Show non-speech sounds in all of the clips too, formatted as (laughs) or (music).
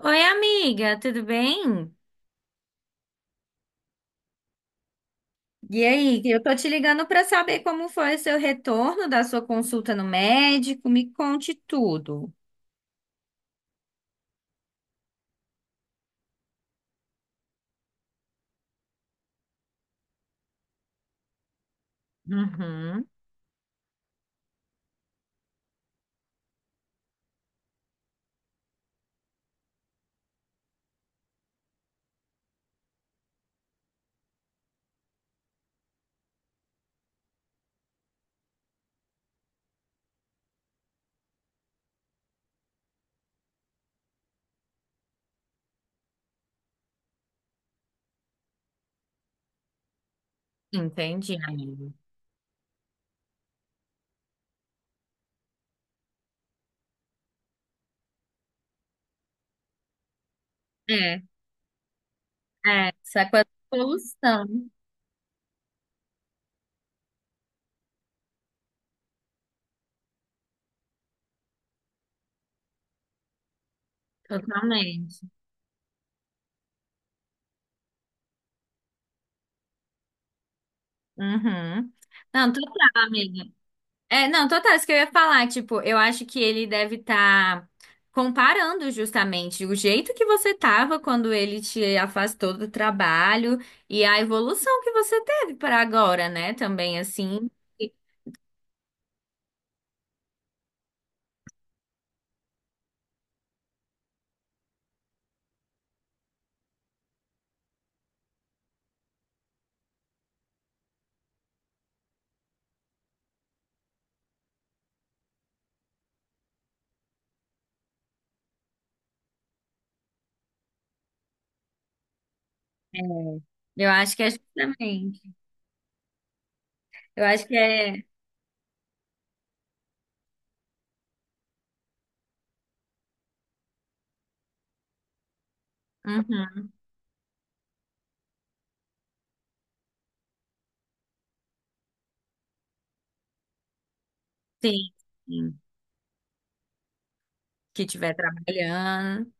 Oi, amiga, tudo bem? E aí, eu tô te ligando para saber como foi o seu retorno da sua consulta no médico. Me conte tudo. Uhum, entendi, amiga. É, é, só com a solução, totalmente. Uhum. Não, total, amiga. É, não, total, isso que eu ia falar, tipo, eu acho que ele deve estar comparando justamente o jeito que você tava quando ele te afastou do trabalho e a evolução que você teve para agora, né? Também assim. Eu acho que é justamente. Eu acho que é. Uhum, sim, sim. Que estiver trabalhando.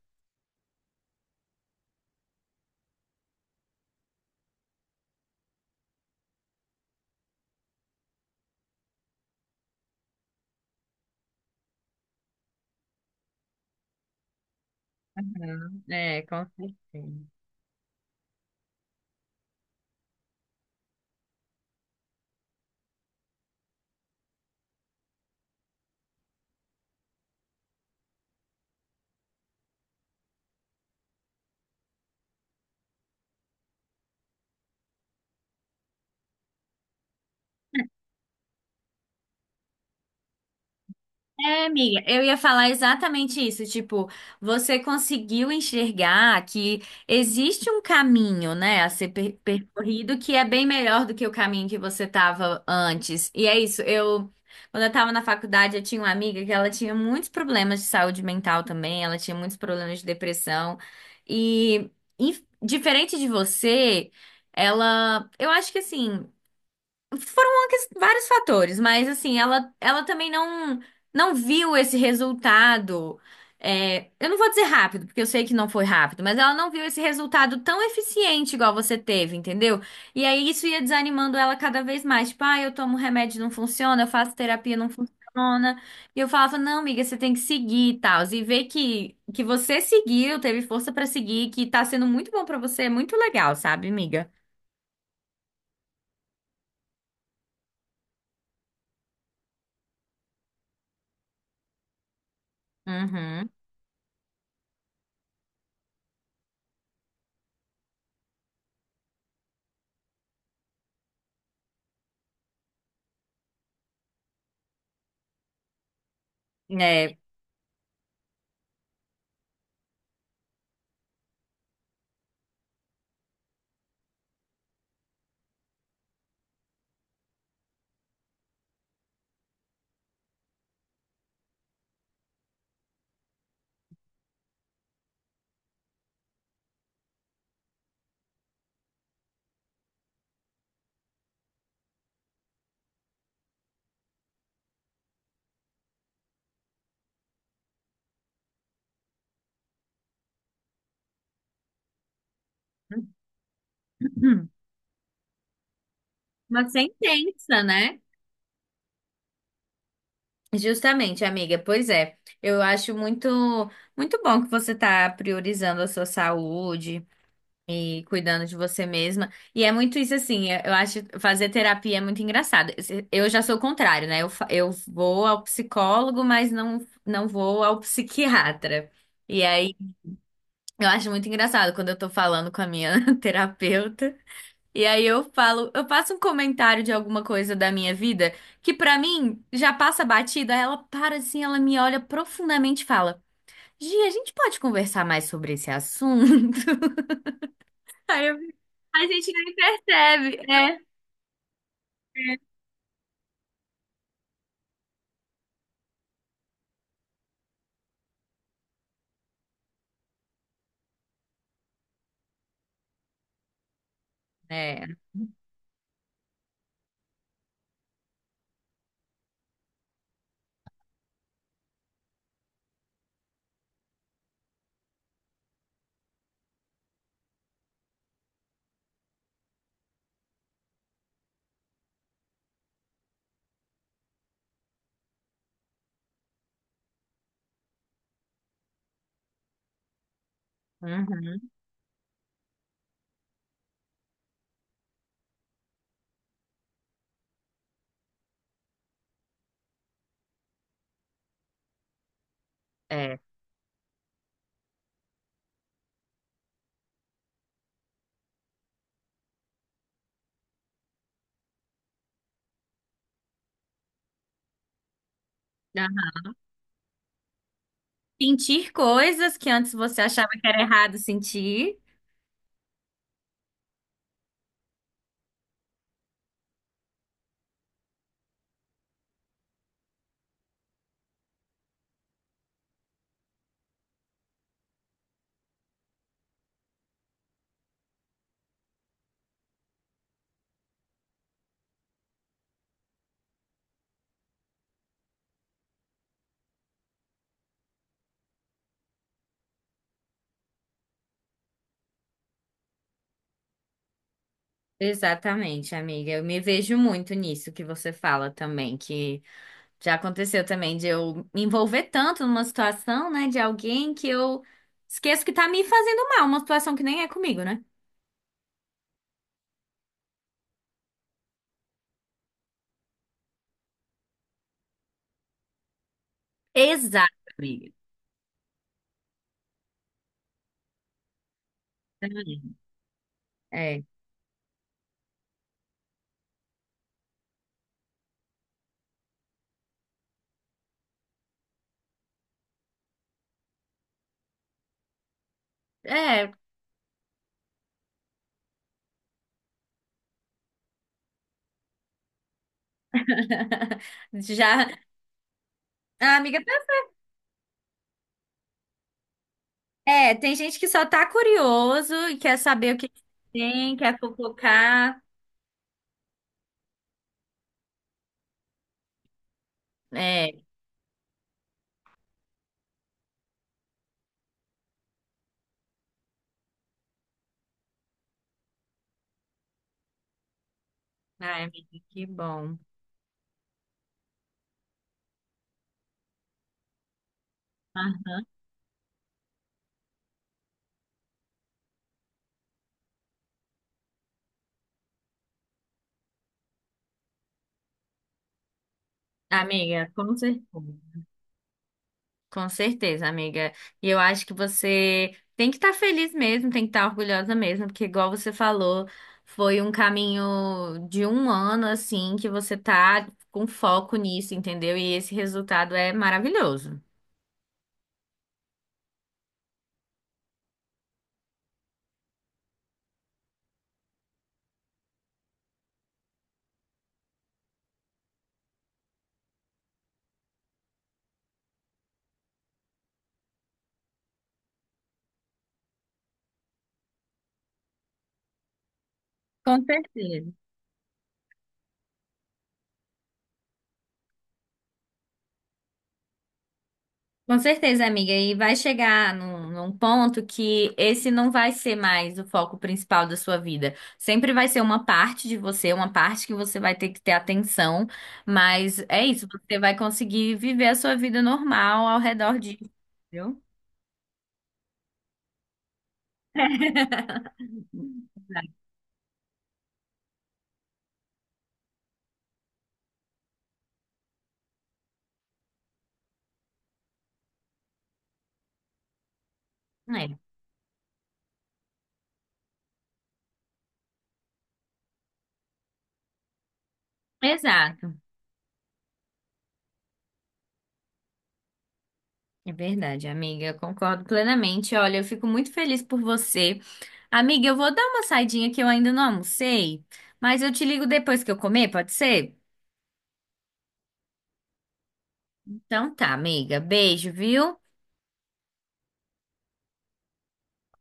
Uhum, é, com certeza. É, amiga, eu ia falar exatamente isso. Tipo, você conseguiu enxergar que existe um caminho, né, a ser percorrido que é bem melhor do que o caminho que você tava antes. E é isso. Eu, quando eu tava na faculdade, eu tinha uma amiga que ela tinha muitos problemas de saúde mental também, ela tinha muitos problemas de depressão. E, diferente de você, ela, eu acho que assim. Foram uma vários fatores, mas assim, ela também não, não viu esse resultado. É, eu não vou dizer rápido, porque eu sei que não foi rápido, mas ela não viu esse resultado tão eficiente igual você teve, entendeu? E aí isso ia desanimando ela cada vez mais. Tipo, ah, eu tomo remédio, não funciona, eu faço terapia, não funciona. E eu falava, não, amiga, você tem que seguir e tal. E ver que você seguiu, teve força pra seguir, que tá sendo muito bom pra você, é muito legal, sabe, amiga? Uhum. É. (clears throat) Uma sentença, né? Justamente, amiga. Pois é. Eu acho muito, muito bom que você tá priorizando a sua saúde e cuidando de você mesma. E é muito isso assim, é, eu acho fazer terapia é muito engraçado. Eu já sou o contrário, né? Eu, eu vou ao psicólogo, mas não, não vou ao psiquiatra. E aí, eu acho muito engraçado quando eu tô falando com a minha (laughs) terapeuta. E aí eu falo, eu faço um comentário de alguma coisa da minha vida que pra mim já passa batida, ela para assim, ela me olha profundamente e fala: Gi, a gente pode conversar mais sobre esse assunto? (laughs) Aí eu, a gente nem percebe. É. É. Uhum. É. Aham. Sentir coisas que antes você achava que era errado sentir. Exatamente, amiga. Eu me vejo muito nisso que você fala também, que já aconteceu também de eu me envolver tanto numa situação, né, de alguém que eu esqueço que tá me fazendo mal, uma situação que nem é comigo, né? Exato, amiga. É. É. (laughs) Já. A amiga. Tá- É, tem gente que só tá curioso e quer saber o que que tem, quer fofocar. É. Ai, amiga, que bom. Aham. Amiga, como você. Com certeza, amiga. E eu acho que você tem que estar feliz mesmo, tem que estar orgulhosa mesmo, porque igual você falou, foi um caminho de um ano assim que você tá com foco nisso, entendeu? E esse resultado é maravilhoso. Com certeza. Com certeza, amiga. E vai chegar num, num ponto que esse não vai ser mais o foco principal da sua vida. Sempre vai ser uma parte de você, uma parte que você vai ter que ter atenção. Mas é isso, você vai conseguir viver a sua vida normal ao redor disso, entendeu? Exato. (laughs) É. Exato. É verdade, amiga. Eu concordo plenamente. Olha, eu fico muito feliz por você. Amiga, eu vou dar uma saidinha que eu ainda não almocei, mas eu te ligo depois que eu comer, pode ser? Então tá, amiga. Beijo, viu?